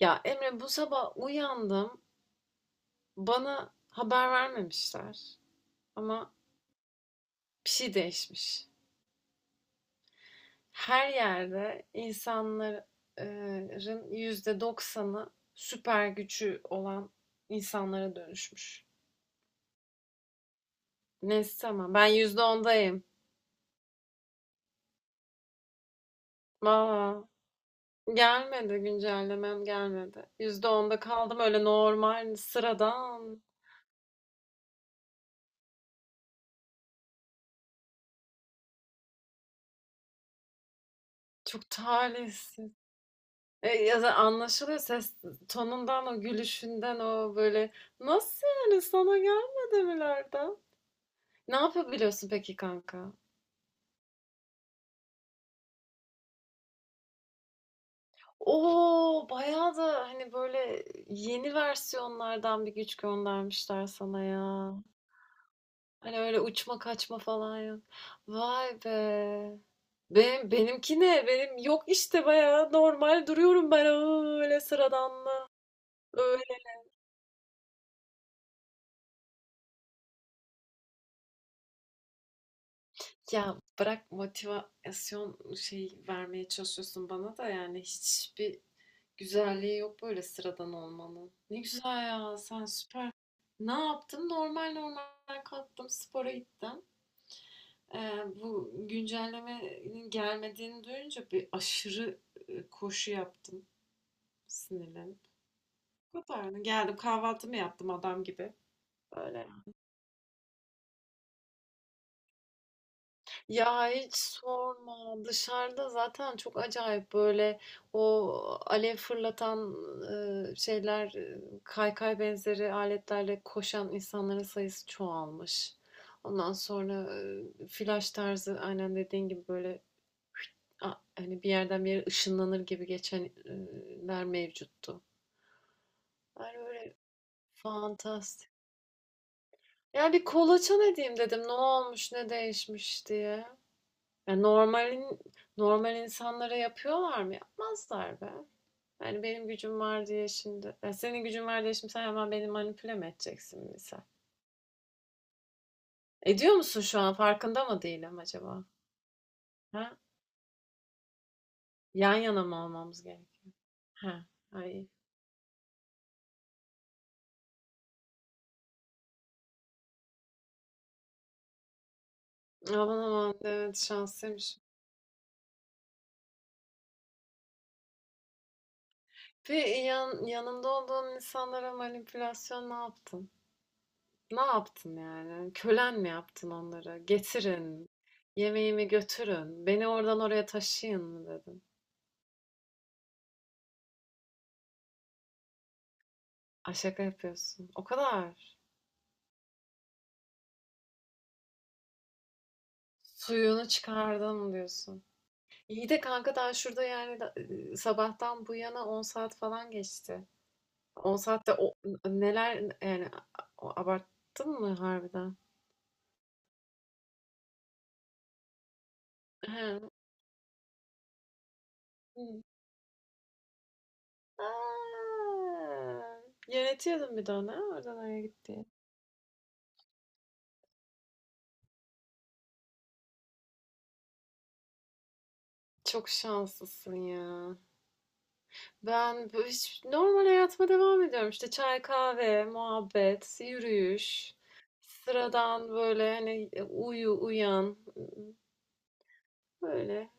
Ya Emre bu sabah uyandım. Bana haber vermemişler. Ama bir şey değişmiş. Her yerde insanların %90'ı süper gücü olan insanlara dönüşmüş. Neyse tamam. Ben %10'dayım. Valla gelmedi güncellemem gelmedi. %10'da kaldım öyle normal sıradan. Çok talihsiz. Ya da anlaşılıyor ses tonundan, o gülüşünden, o böyle nasıl yani sana gelmedi milerden. Ne yapabiliyorsun peki kanka? Oo bayağı da hani böyle yeni versiyonlardan bir güç göndermişler sana ya. Hani öyle uçma kaçma falan yok. Vay be. Benimki ne? Benim yok işte bayağı normal duruyorum ben öyle sıradanla. Ya bırak motivasyon şey vermeye çalışıyorsun bana da yani hiçbir güzelliği yok böyle sıradan olmanın. Ne güzel ya sen süper. Ne yaptım? Normal normal kalktım spora gittim. Ee, bu güncellemenin gelmediğini duyunca bir aşırı koşu yaptım sinirlenip. Bu kadar. Geldim kahvaltımı yaptım adam gibi. Böyle. Ya hiç sorma. Dışarıda zaten çok acayip böyle o alev fırlatan şeyler, kaykay benzeri aletlerle koşan insanların sayısı çoğalmış. Ondan sonra flash tarzı aynen dediğin gibi böyle hani bir yerden bir yere ışınlanır gibi geçenler mevcuttu. Yani öyle fantastik. Ya bir kolaçan edeyim dedim. Ne olmuş, ne değişmiş diye. Ya normalin normal insanlara yapıyorlar mı? Yapmazlar be. Yani benim gücüm var diye şimdi. Ya senin gücün var diye şimdi sen hemen beni manipüle mi edeceksin misal? Ediyor musun şu an? Farkında mı değilim acaba? Ha? Yan yana mı almamız gerek? Ha. Ay. Aman aman. Evet şanslıymışım. Ve yanında olduğun insanlara manipülasyon ne yaptın? Ne yaptın yani? Kölen mi yaptın onları? Getirin. Yemeğimi götürün. Beni oradan oraya taşıyın mı dedin? Ay şaka yapıyorsun. O kadar. Suyunu çıkardım diyorsun. İyi de kanka daha şurada yani sabahtan bu yana 10 saat falan geçti. 10 saatte o neler yani abarttın mı harbiden? He. Hı. Aa, yönetiyordun bir de onu ha, oradan oraya gitti. Çok şanslısın ya. Ben hiç normal hayatıma devam ediyorum. İşte çay, kahve, muhabbet, yürüyüş. Sıradan böyle hani uyu, uyan. Böyle.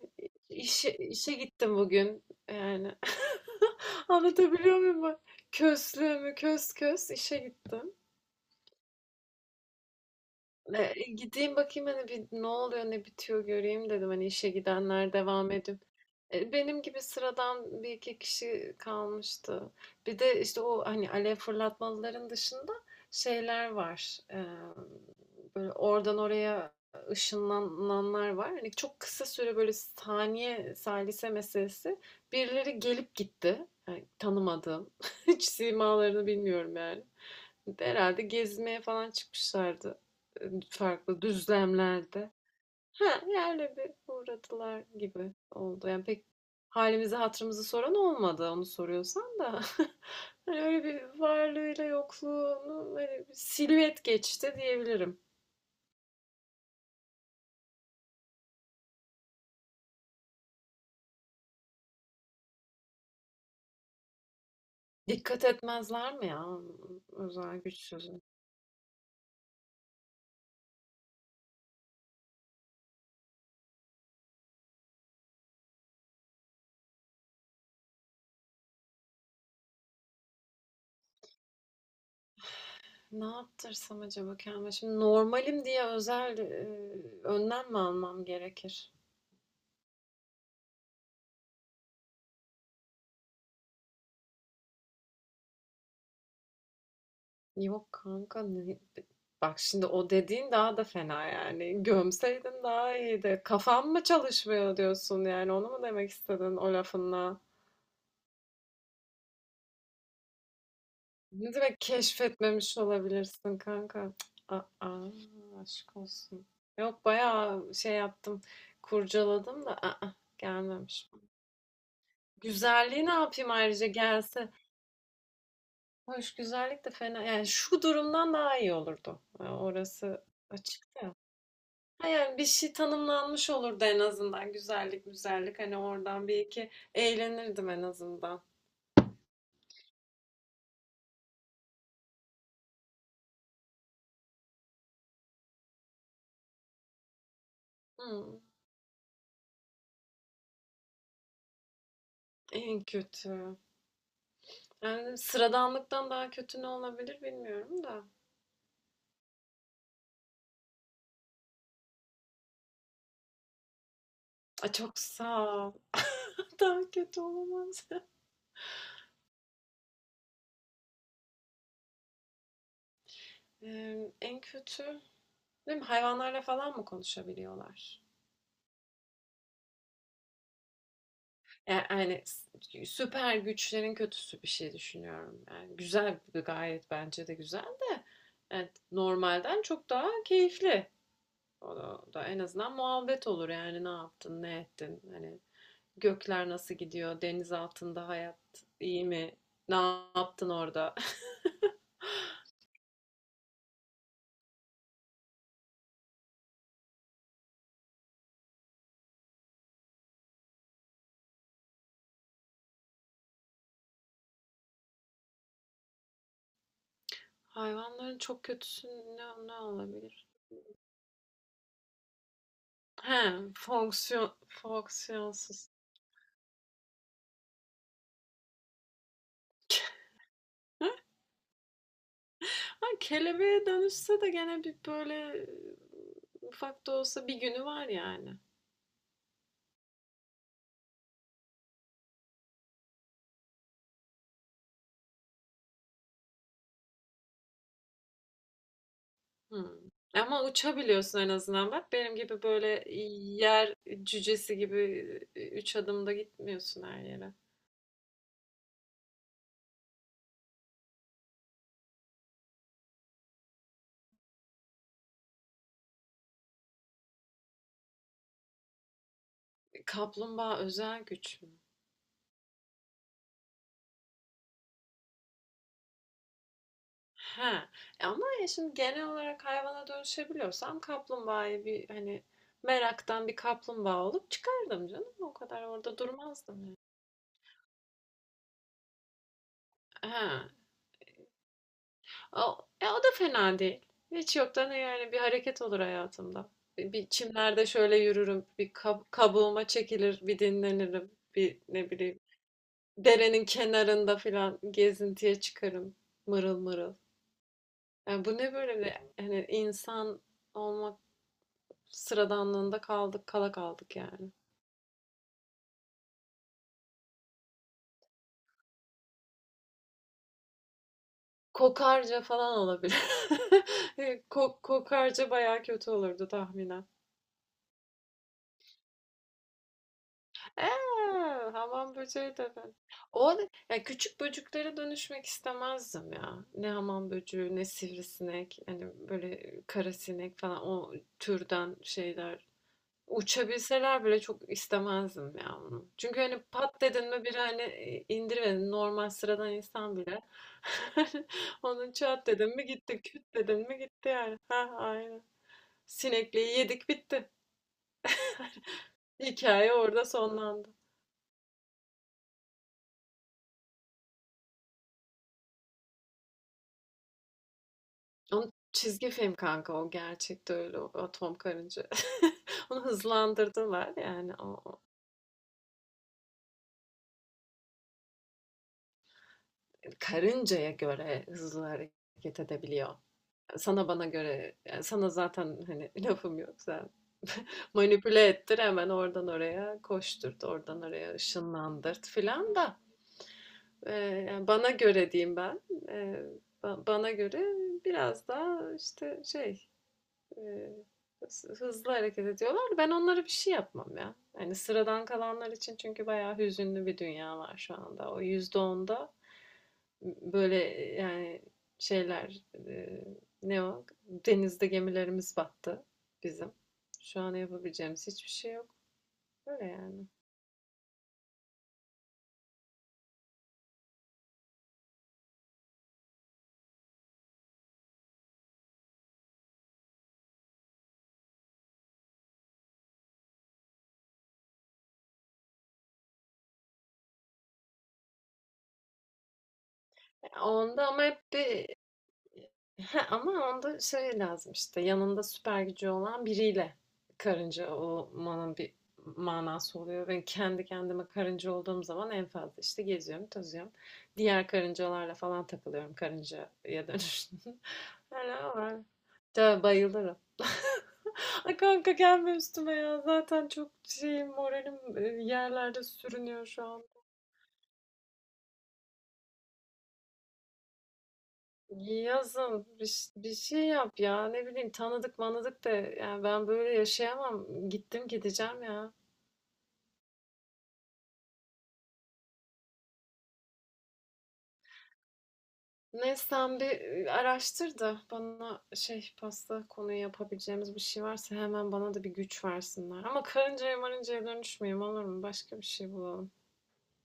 İşe gittim bugün. Yani anlatabiliyor muyum, ben? Köslüğümü kös kös işe gittim. Gideyim bakayım hani bir ne oluyor ne bitiyor göreyim dedim. Hani işe gidenler devam ediyor. Benim gibi sıradan bir iki kişi kalmıştı. Bir de, işte, o, hani, alev fırlatmalıların dışında şeyler var. Böyle oradan oraya ışınlananlar var. Hani, çok kısa süre, böyle, saniye, salise meselesi. Birileri gelip gitti. Hani, tanımadığım. Hiç simalarını bilmiyorum yani. Herhalde gezmeye falan çıkmışlardı, farklı düzlemlerde. Ha, yerle bir uğradılar gibi oldu. Yani pek halimizi hatırımızı soran olmadı onu soruyorsan da. Hani öyle bir varlığıyla yokluğunu böyle bir silüet geçti diyebilirim. Dikkat etmezler mi ya özel güç sözü? Ne yaptırsam acaba kendime? Şimdi normalim diye özel önlem mi almam gerekir? Yok kanka bak şimdi o dediğin daha da fena yani. Gömseydin daha iyiydi. Kafam mı çalışmıyor diyorsun yani onu mu demek istedin o lafınla? Ne demek keşfetmemiş olabilirsin kanka? Cık, aa, aşk olsun. Yok bayağı şey yaptım kurcaladım da gelmemiş. Güzelliği ne yapayım ayrıca gelse. Hoş güzellik de fena yani şu durumdan daha iyi olurdu. Yani orası açık. Ha, yani bir şey tanımlanmış olurdu en azından. Güzellik, güzellik. Hani oradan bir iki eğlenirdim en azından. Hmm, en kötü. Yani sıradanlıktan daha kötü ne olabilir bilmiyorum da. Ay çok sağ ol. Daha kötü olamaz. En kötü. Değil mi? Hayvanlarla falan mı konuşabiliyorlar? Yani süper güçlerin kötüsü bir şey düşünüyorum. Yani güzel gayet bence de güzel de. Yani normalden çok daha keyifli. O da, o da en azından muhabbet olur yani ne yaptın, ne ettin? Hani gökler nasıl gidiyor? Deniz altında hayat iyi mi? Ne yaptın orada? Hayvanların çok kötüsü ne olabilir? He, fonksiyon fonksiyonsuz. Ha, ha, kelebeğe dönüşse de gene bir böyle ufak da olsa bir günü var yani. Hmm. Ama uçabiliyorsun en azından bak. Benim gibi böyle yer cücesi gibi üç adımda gitmiyorsun her yere. Kaplumbağa özel güç mü? Ha. Ama ya şimdi genel olarak hayvana dönüşebiliyorsam kaplumbağayı bir hani meraktan bir kaplumbağa olup çıkardım canım. O kadar orada durmazdım yani. Ha. O da fena değil. Hiç yoktan yani bir hareket olur hayatımda. Bir çimlerde şöyle yürürüm, bir kabuğuma çekilir, bir dinlenirim, bir ne bileyim derenin kenarında filan gezintiye çıkarım mırıl mırıl. Yani bu ne böyle bir hani insan olmak sıradanlığında kaldık, kala kaldık yani. Kokarca falan olabilir. Kokarca bayağı kötü olurdu tahminen. Eee, hamam böceği de ben. O ya küçük böcüklere dönüşmek istemezdim ya. Ne hamam böceği, ne sivrisinek, hani böyle karasinek falan o türden şeyler. Uçabilseler bile çok istemezdim ya onu. Çünkü hani pat dedin mi biri hani indirmedin normal sıradan insan bile. Onun çat dedin mi gitti, küt dedin mi gitti yani. Ha aynen. Sinekliği yedik bitti. Hikaye orada sonlandı. Onun çizgi film kanka o gerçekte öyle o atom karınca. Onu hızlandırdılar yani o karıncaya göre hızlı hareket edebiliyor. Sana bana göre yani sana zaten hani lafım yok. Manipüle ettir hemen oradan oraya koşturt, oradan oraya ışınlandırt filan da e, yani bana göre diyeyim ben. E, bana göre biraz daha işte şey e, hızlı hareket ediyorlar. Ben onlara bir şey yapmam ya. Yani sıradan kalanlar için çünkü bayağı hüzünlü bir dünya var şu anda. O %10'da böyle yani şeyler ne o? Denizde gemilerimiz battı bizim. Şu an yapabileceğimiz hiçbir şey yok. Öyle yani. Onda ama hep bir ama onda şey lazım işte yanında süper gücü olan biriyle karınca olmanın bir manası oluyor. Ben kendi kendime karınca olduğum zaman en fazla işte geziyorum, tozuyorum. Diğer karıncalarla falan takılıyorum karıncaya dönüştüm. Öyle var. Ya bayılırım. Ay kanka gelme üstüme ya. Zaten çok şeyim moralim yerlerde sürünüyor şu an. Yazın bir, bir şey yap ya ne bileyim tanıdık manadık da yani ben böyle yaşayamam gittim gideceğim ya. Neyse sen bir araştır da bana şey pasta konuyu yapabileceğimiz bir şey varsa hemen bana da bir güç versinler. Ama karıncaya marıncaya dönüşmeyeyim olur mu? Başka bir şey bulalım.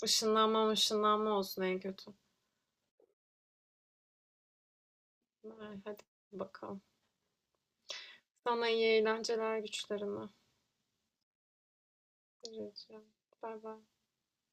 Işınlanma ışınlanma olsun en kötü. Ay, hadi bakalım. Sana iyi eğlenceler güçlerine. Rica ederim. Bay bay.